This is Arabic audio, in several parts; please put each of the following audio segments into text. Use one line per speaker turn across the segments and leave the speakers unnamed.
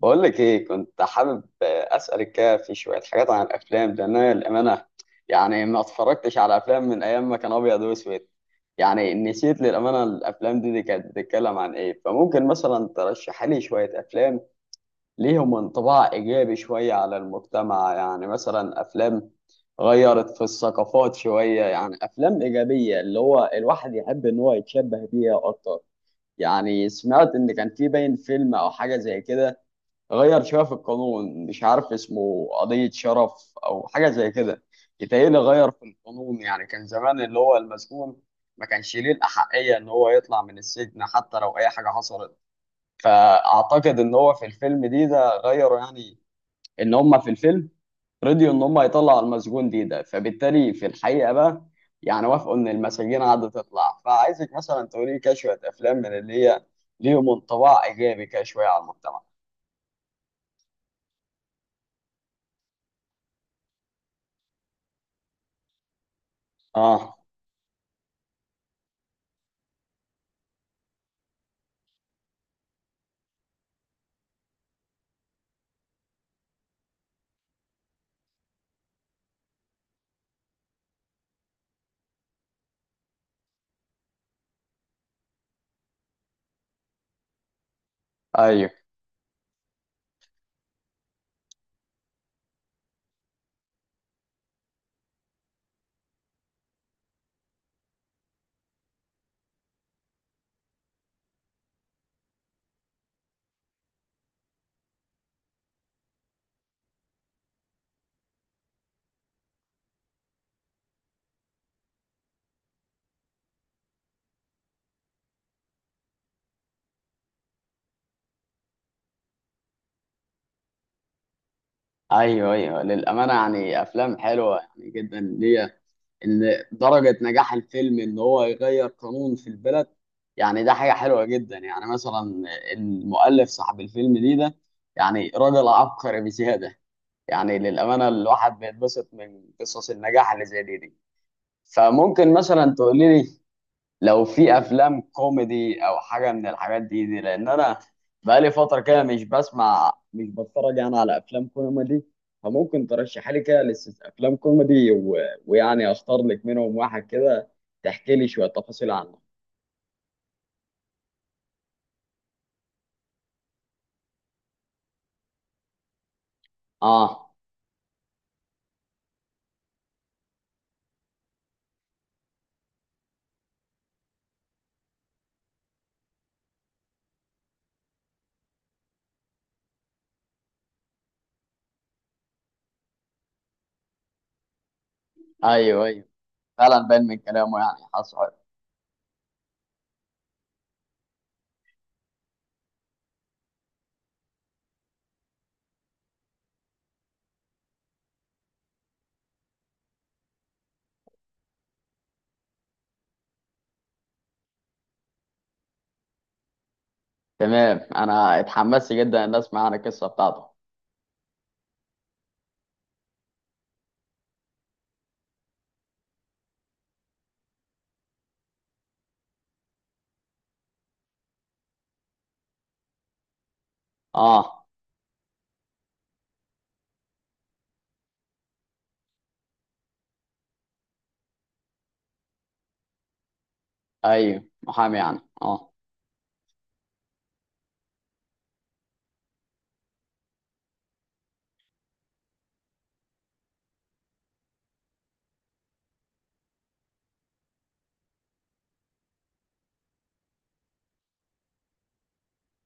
بقول لك ايه، كنت حابب اسالك كده في شويه حاجات عن الافلام، لان انا للامانه يعني ما اتفرجتش على افلام من ايام ما كان ابيض واسود. يعني نسيت للامانه الافلام دي كانت بتتكلم عن ايه؟ فممكن مثلا ترشح لي شويه افلام ليهم انطباع ايجابي شويه على المجتمع، يعني مثلا افلام غيرت في الثقافات شويه، يعني افلام ايجابيه اللي هو الواحد يحب ان هو يتشبه بيها اكتر. يعني سمعت ان كان في باين فيلم او حاجه زي كده غير شويه في القانون، مش عارف اسمه قضيه شرف او حاجه زي كده. يتهيألي غير في القانون، يعني كان زمان اللي هو المسجون ما كانش ليه الاحقيه ان هو يطلع من السجن حتى لو اي حاجه حصلت. فاعتقد ان هو في الفيلم ده غيروا، يعني ان هم في الفيلم رضيوا ان هم يطلعوا المسجون ده فبالتالي في الحقيقه بقى يعني وافقوا ان المساجين قعدت تطلع. فعايزك مثلا تقولي لي كده شويه افلام من اللي هي ليهم انطباع ايجابي كده شويه على المجتمع. اه. ايوه ايوه ايوه، للامانه يعني افلام حلوه يعني جدا ليا، ان درجه نجاح الفيلم ان هو يغير قانون في البلد، يعني ده حاجه حلوه جدا. يعني مثلا المؤلف صاحب الفيلم ده يعني راجل عبقري بزياده. يعني للامانه الواحد بيتبسط من قصص النجاح اللي زي دي. فممكن مثلا تقولي لي لو في افلام كوميدي او حاجه من الحاجات دي، لان انا بقالي فتره كده مش بسمع مش بتفرج يعني على افلام كوميدي. فممكن ترشح لي كده لسه افلام كوميدي ويعني اختار لك منهم واحد كده تحكي لي شويه تفاصيل عنه. اه ايوه ايوه، فعلا باين من كلامه يعني حصل. تمام، انا اتحمست جدا ان اسمع عن القصه بتاعته. اه ايوه، محامي يعني اه.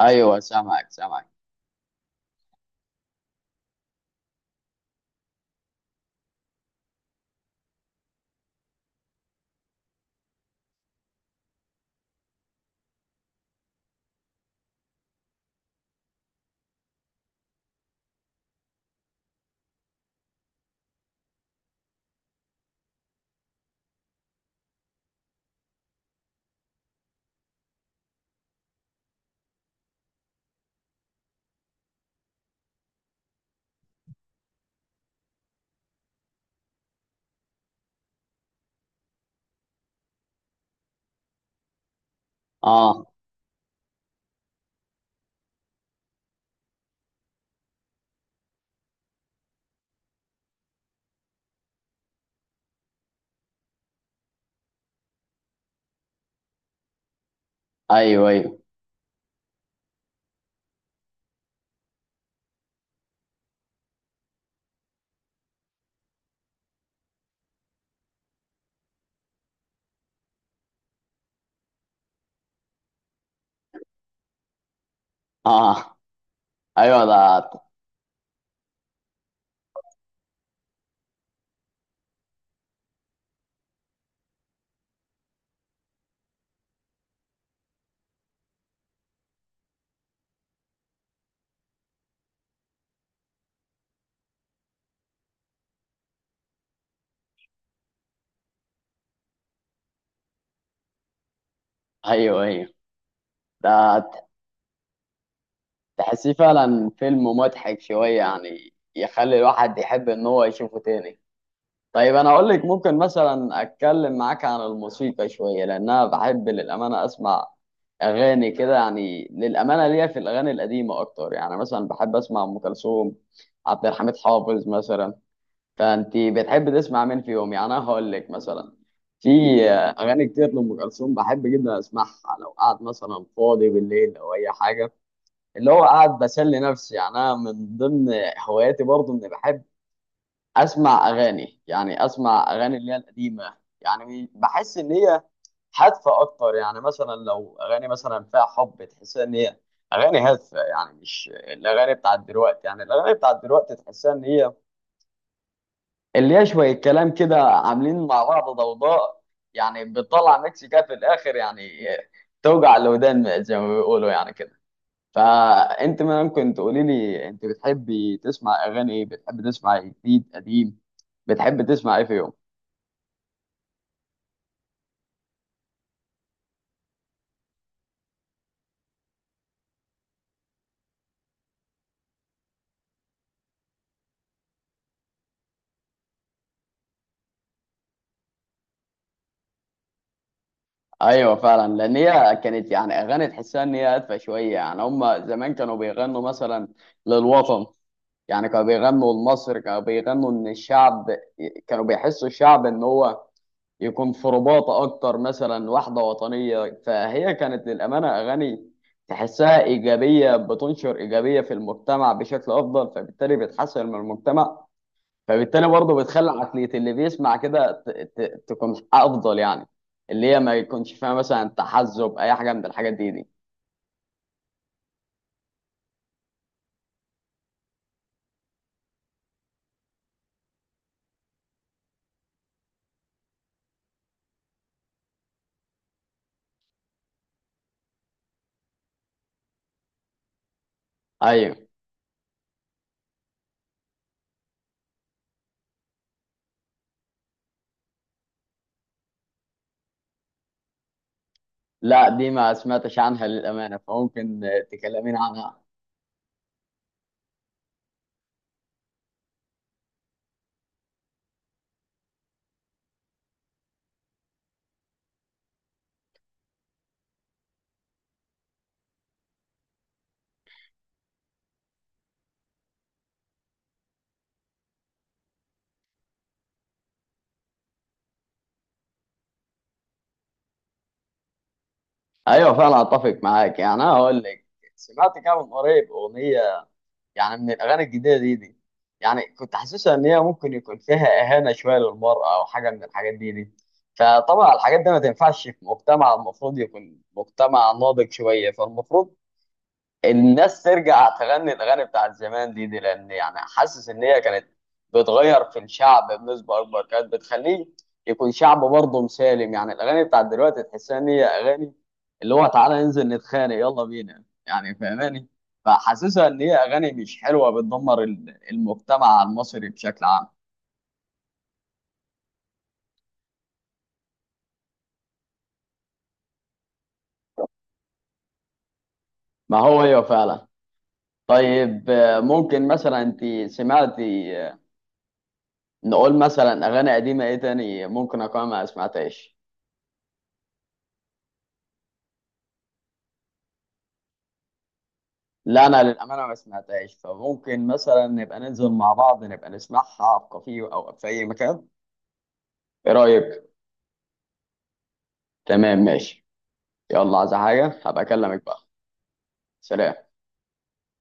ايوه، سامعك سامعك. اه ايوه ايوه. اه ايوه ده. ايوه ايوه ده، تحسيه فعلا فيلم مضحك شويه يعني يخلي الواحد يحب ان هو يشوفه تاني. طيب انا اقول لك، ممكن مثلا اتكلم معاك عن الموسيقى شويه، لان انا بحب للامانه اسمع اغاني كده، يعني للامانه ليا في الاغاني القديمه اكتر. يعني مثلا بحب اسمع ام كلثوم، عبد الحميد حافظ مثلا. فانت بتحب تسمع مين فيهم؟ يعني انا هقول لك مثلا في اغاني كتير لام كلثوم بحب جدا اسمعها لو قاعد مثلا فاضي بالليل او اي حاجه، اللي هو قاعد بسلي نفسي. يعني انا من ضمن هواياتي برضو اني بحب اسمع اغاني، يعني اسمع اغاني اللي هي القديمه، يعني بحس ان هي هادفه اكتر. يعني مثلا لو اغاني مثلا فيها حب تحس ان هي اغاني هادفه، يعني مش الاغاني بتاعت دلوقتي. يعني الاغاني بتاعت دلوقتي تحسها ان هي اللي هي شويه كلام كده عاملين مع بعض ضوضاء، يعني بتطلع ميكس كده في الاخر يعني توجع الودان زي ما بيقولوا يعني كده. فانت ممكن تقولي لي انت بتحبي تسمع اغاني ايه؟ بتحب تسمع جديد قديم؟ بتحب تسمع ايه في يوم؟ ايوه فعلا، لان هي كانت يعني اغاني تحسها ان هي هادفه شويه. يعني هم زمان كانوا بيغنوا مثلا للوطن، يعني كانوا بيغنوا لمصر، كانوا بيغنوا ان الشعب، كانوا بيحسوا الشعب ان هو يكون في رباطة أكتر، مثلا واحدة وطنية. فهي كانت للأمانة أغاني تحسها إيجابية، بتنشر إيجابية في المجتمع بشكل أفضل، فبالتالي بتحسن من المجتمع، فبالتالي برضه بتخلي عقلية اللي بيسمع كده تكون أفضل، يعني اللي هي ما يكونش فيها مثلا تحزب أي حاجة من الحاجات دي. أيوه. لا دي ما سمعتش عنها للأمانة، فممكن تكلمين عنها. أيوه فعلا أتفق معاك. يعني أنا هقول لك سمعت كده من قريب أغنية يعني من الاغاني الجديده دي، يعني كنت حاسسها ان هي ممكن يكون فيها اهانه شويه للمراه او حاجه من الحاجات دي. فطبعا الحاجات دي ما تنفعش في مجتمع المفروض يكون مجتمع ناضج شويه. فالمفروض الناس ترجع تغني الاغاني بتاعت زمان دي، لان يعني حاسس ان هي كانت بتغير في الشعب بنسبه اكبر، كانت بتخليه يكون شعب برضه مسالم. يعني الاغاني بتاعت دلوقتي تحسها ان هي اغاني اللي هو تعالى ننزل نتخانق يلا بينا يعني، فاهماني؟ فحاسسها ان هي اغاني مش حلوه بتدمر المجتمع المصري بشكل عام. ما هو هي فعلا. طيب ممكن مثلا انت سمعتي، نقول مثلا اغاني قديمه ايه تاني ممكن اكون ما سمعتهاش. لا انا للامانه ما سمعتهاش، فممكن مثلا نبقى ننزل مع بعض نبقى نسمعها في كافيه او في اي مكان. ايه رايك؟ تمام ماشي. يلا عايز حاجه هبقى اكلمك بقى. سلام.